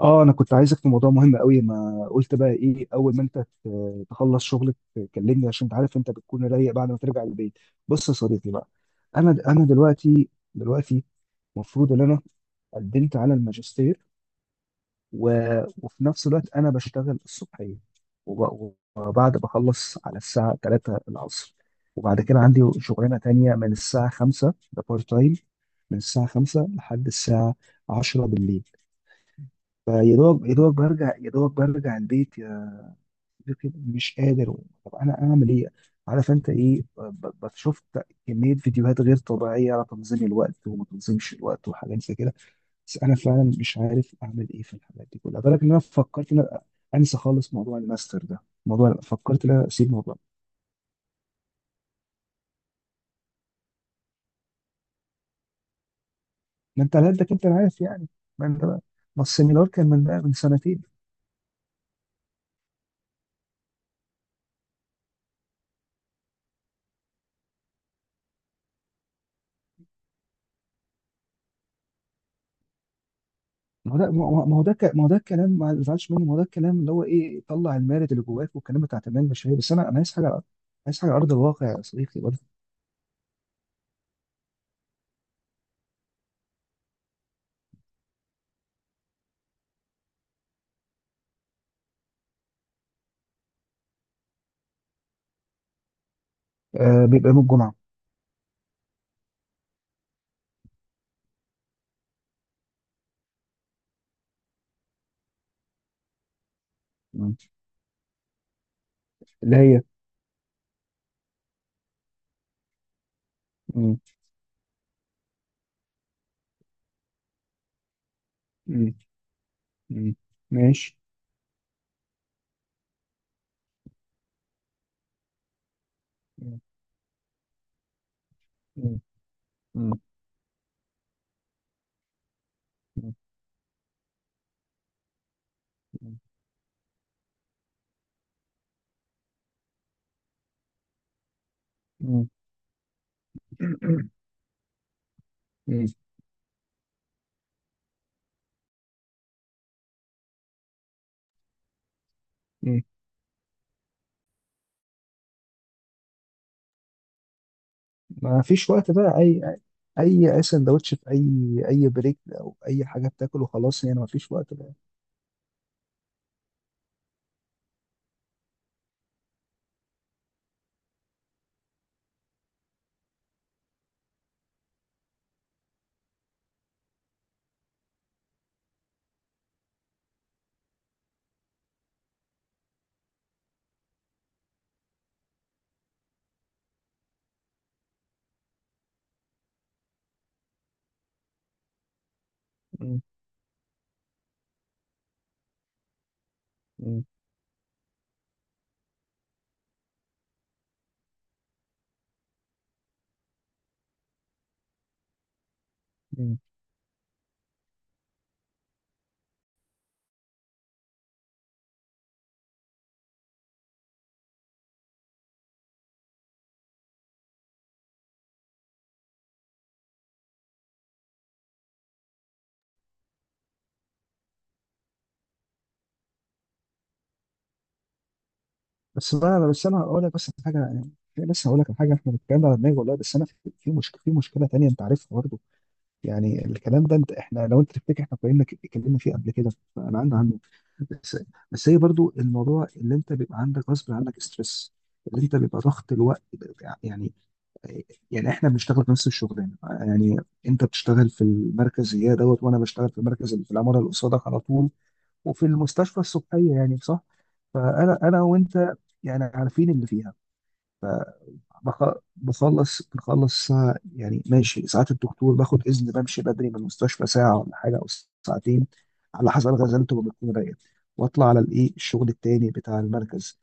اه، انا كنت عايزك في موضوع مهم قوي. ما قلت بقى ايه؟ اول ما انت تخلص شغلك كلمني، عشان انت عارف انت بتكون رايق بعد ما ترجع البيت. بص يا صديقي بقى، انا دلوقتي المفروض ان انا قدمت على الماجستير، و... وفي نفس الوقت انا بشتغل الصبحيه، وبعد بخلص على الساعه 3 العصر، وبعد كده عندي شغلانه تانية من الساعه 5، ده بارت تايم، من الساعه 5 لحد الساعه 10 بالليل. فيا دوبك يا دوبك برجع البيت يا صديقي، مش قادر. طب انا اعمل ايه؟ عارف انت ايه، شفت كميه فيديوهات غير طبيعيه على تنظيم الوقت وما تنظيمش الوقت وحاجات زي كده، بس انا فعلا مش عارف اعمل ايه في الحاجات دي كلها. بالك ان انا فكرت ان أنا انسى خالص موضوع الماستر ده، موضوع فكرت ان انا اسيب الموضوع. ما انت على قدك انت، أنا عارف يعني. ما انت بقى، ما السيمينار كان من بقى من سنتين. ما هو ده ما هو ما هو ده ك- ما هو ده الكلام، ما تزعلش منه، ما هو ده الكلام اللي هو ايه، طلع المارد اللي جواك والكلام بتاع تمام، مش هي، بس انا عايز حاجه على ارض الواقع يا صديقي برضه. آه، بيبقى يوم الجمعه. مم. اللي هي. مم. مم. مم. ماشي. مم. مم. مم. مم. مم. مم. مم. ما فيش وقت بقى، اي سندوتش، في اي بريك او اي حاجه بتاكله خلاص يعني، ما فيش وقت بقى. مم. مم. بس بقى، بس انا هقول لك بس حاجه يعني، لسه هقول لك على حاجه، احنا بنتكلم على دماغي والله. بس انا في مشكله تانيه انت عارفها برضه. يعني الكلام ده، انت احنا لو انت تفتكر احنا اتكلمنا فيه قبل كده، فانا عندي عنه. بس، بس هي برضه الموضوع اللي انت بيبقى عندك غصب عنك ستريس، اللي انت بيبقى ضغط الوقت يعني يعني احنا بنشتغل في نفس الشغلانه يعني، انت بتشتغل في المركز يا دوت، وانا بشتغل في المركز اللي في العماره اللي قصادك على طول، وفي المستشفى الصبحيه، يعني صح. فانا انا وانت، يعني عارفين اللي فيها. بخلص ساعة يعني ماشي، ساعات الدكتور باخد اذن بمشي بدري من المستشفى ساعه ولا حاجه او ساعتين، على حسب غزلته وبكون رايق، واطلع على الايه، الشغل التاني بتاع المركز.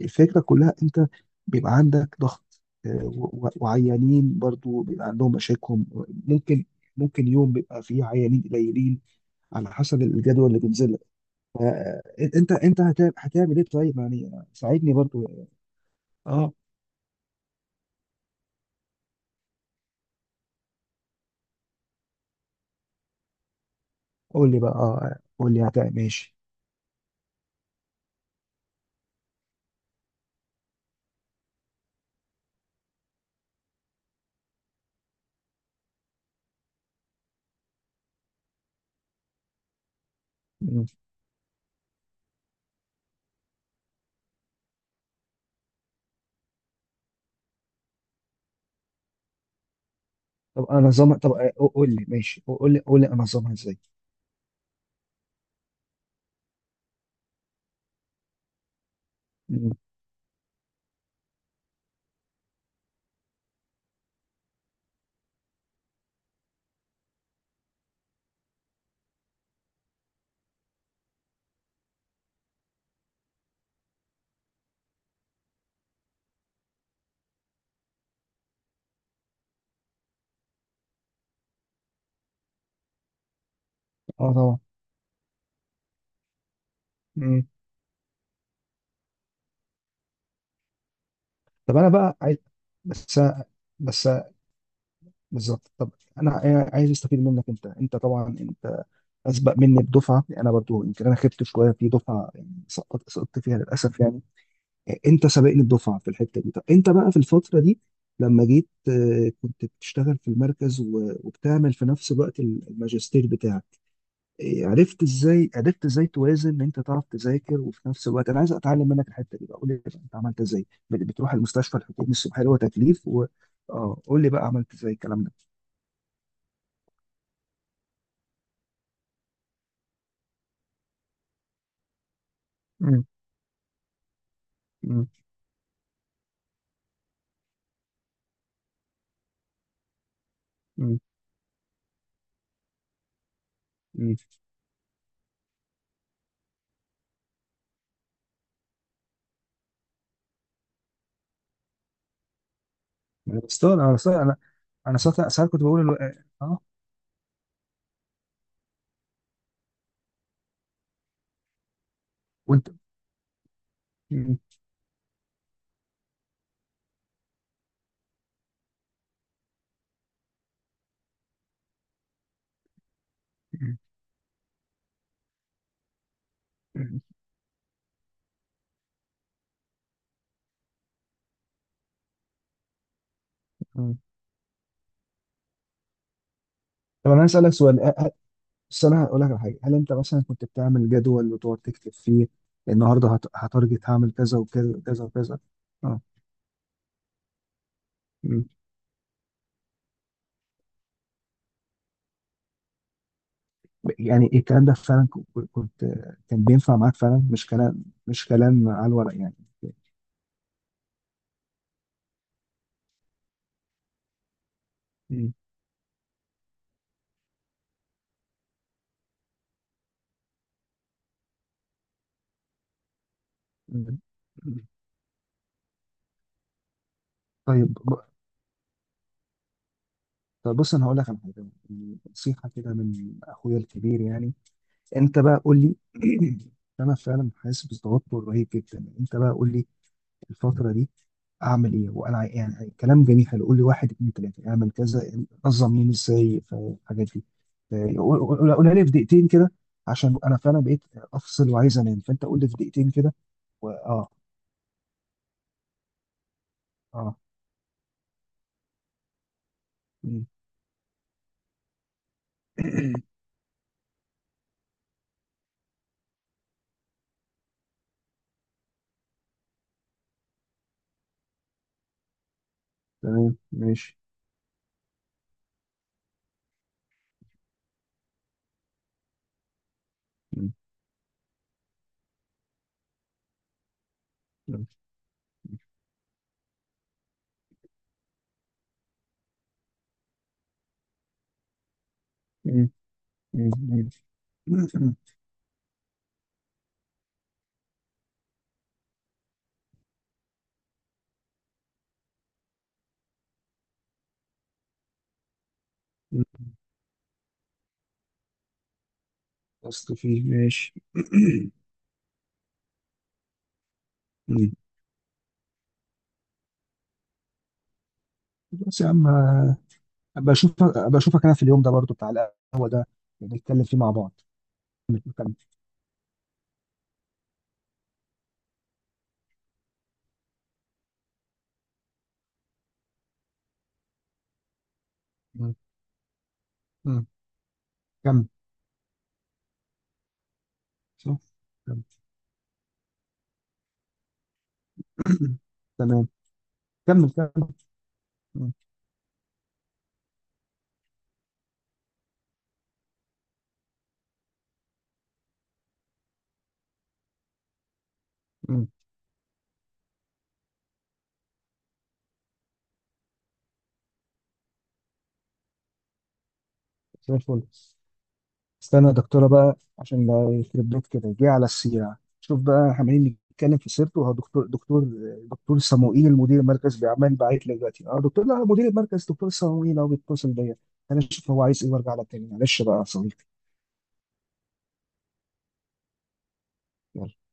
الفكره كلها انت بيبقى عندك ضغط، آه، وعيانين برضو بيبقى عندهم مشاكل، ممكن ممكن يوم بيبقى فيه عيانين قليلين، على حسب الجدول اللي بينزل. آه، انت هتعمل ايه طيب يعني؟ ساعدني برضو. اه قول لي بقى، اه قول لي هتعمل ماشي. مم. طب انا نظامها، طب آه، قول لي ماشي، قول لي انا نظامها ازاي. مم. اه طبعا. مم. طب انا بقى عايز بس بس بالظبط طب انا عايز استفيد منك. انت طبعا انت اسبق مني بدفعه، انا برضو يمكن انا خدت شويه في دفعه يعني، سقطت فيها للاسف يعني. انت سابقني الدفعه في الحته دي. طب انت بقى في الفتره دي لما جيت، آه، كنت بتشتغل في المركز وبتعمل في نفس الوقت الماجستير بتاعك. إيه، عرفت ازاي توازن ان انت تعرف تذاكر وفي نفس الوقت؟ انا عايز اتعلم منك الحته دي بقى، قول لي بقى انت عملت ازاي. بتروح المستشفى الحكومي الصبح اللي هو تكليف، اه قول لي بقى عملت ازاي الكلام ده. مم. مم. مم. مم. انا بستغرب انا ساعات كنت بقول اه، وانت. مم. مم. مم. طب انا عايز اسالك سؤال، بس انا هقول لك على حاجه، هل انت مثلا كنت بتعمل جدول وتقعد تكتب فيه النهارده، هت- هتارجت هعمل كذا وكذا وكذا وكذا؟ اه. مم. يعني الكلام ده فعلا، كنت كان بينفع معاك فعلا، مش كلام على الورق يعني. مم. مم. طيب، طب بص انا هقول لك على حاجه، نصيحه كده من اخويا الكبير يعني. انت بقى قول لي انا فعلا حاسس بتوتر رهيب جدا. انت بقى قول لي الفترة دي اعمل ايه وانا يعني كلام جميل حلو، قول لي واحد اتنين تلاته اعمل كذا، نظم يومي ازاي في الحاجات دي. قولها لي في دقيقتين كده، عشان انا فعلا بقيت افصل وعايز انام، فانت قول لي في دقيقتين كده. اه. اه. مم. تمام، ماشي. مم. مم. مم. مم. مم. مم. اصل فيه ماشي. مم. بس يا عم، ابقى اشوفك ابقى اشوفك انا في اليوم ده برضو بتاع القهوه ده، نتكلم فيه مع بعض. كمل كمل. مم. مم. كمل. صح. تمام. تمام. كمل كمل. مم. مم. زي الفل. استنى يا دكتوره بقى، عشان ده يخرب بيت كده جه على السيره، شوف بقى احنا عمالين نتكلم في سيرته. هو دكتور، دكتور صموئيل مدير المركز بيعمل، باعت لي دلوقتي، اه لا، مدير المركز دكتور صموئيل هو بيتصل بيا. انا اشوف هو عايز ايه وارجع لك تاني، معلش بقى يا صديقي. يلا.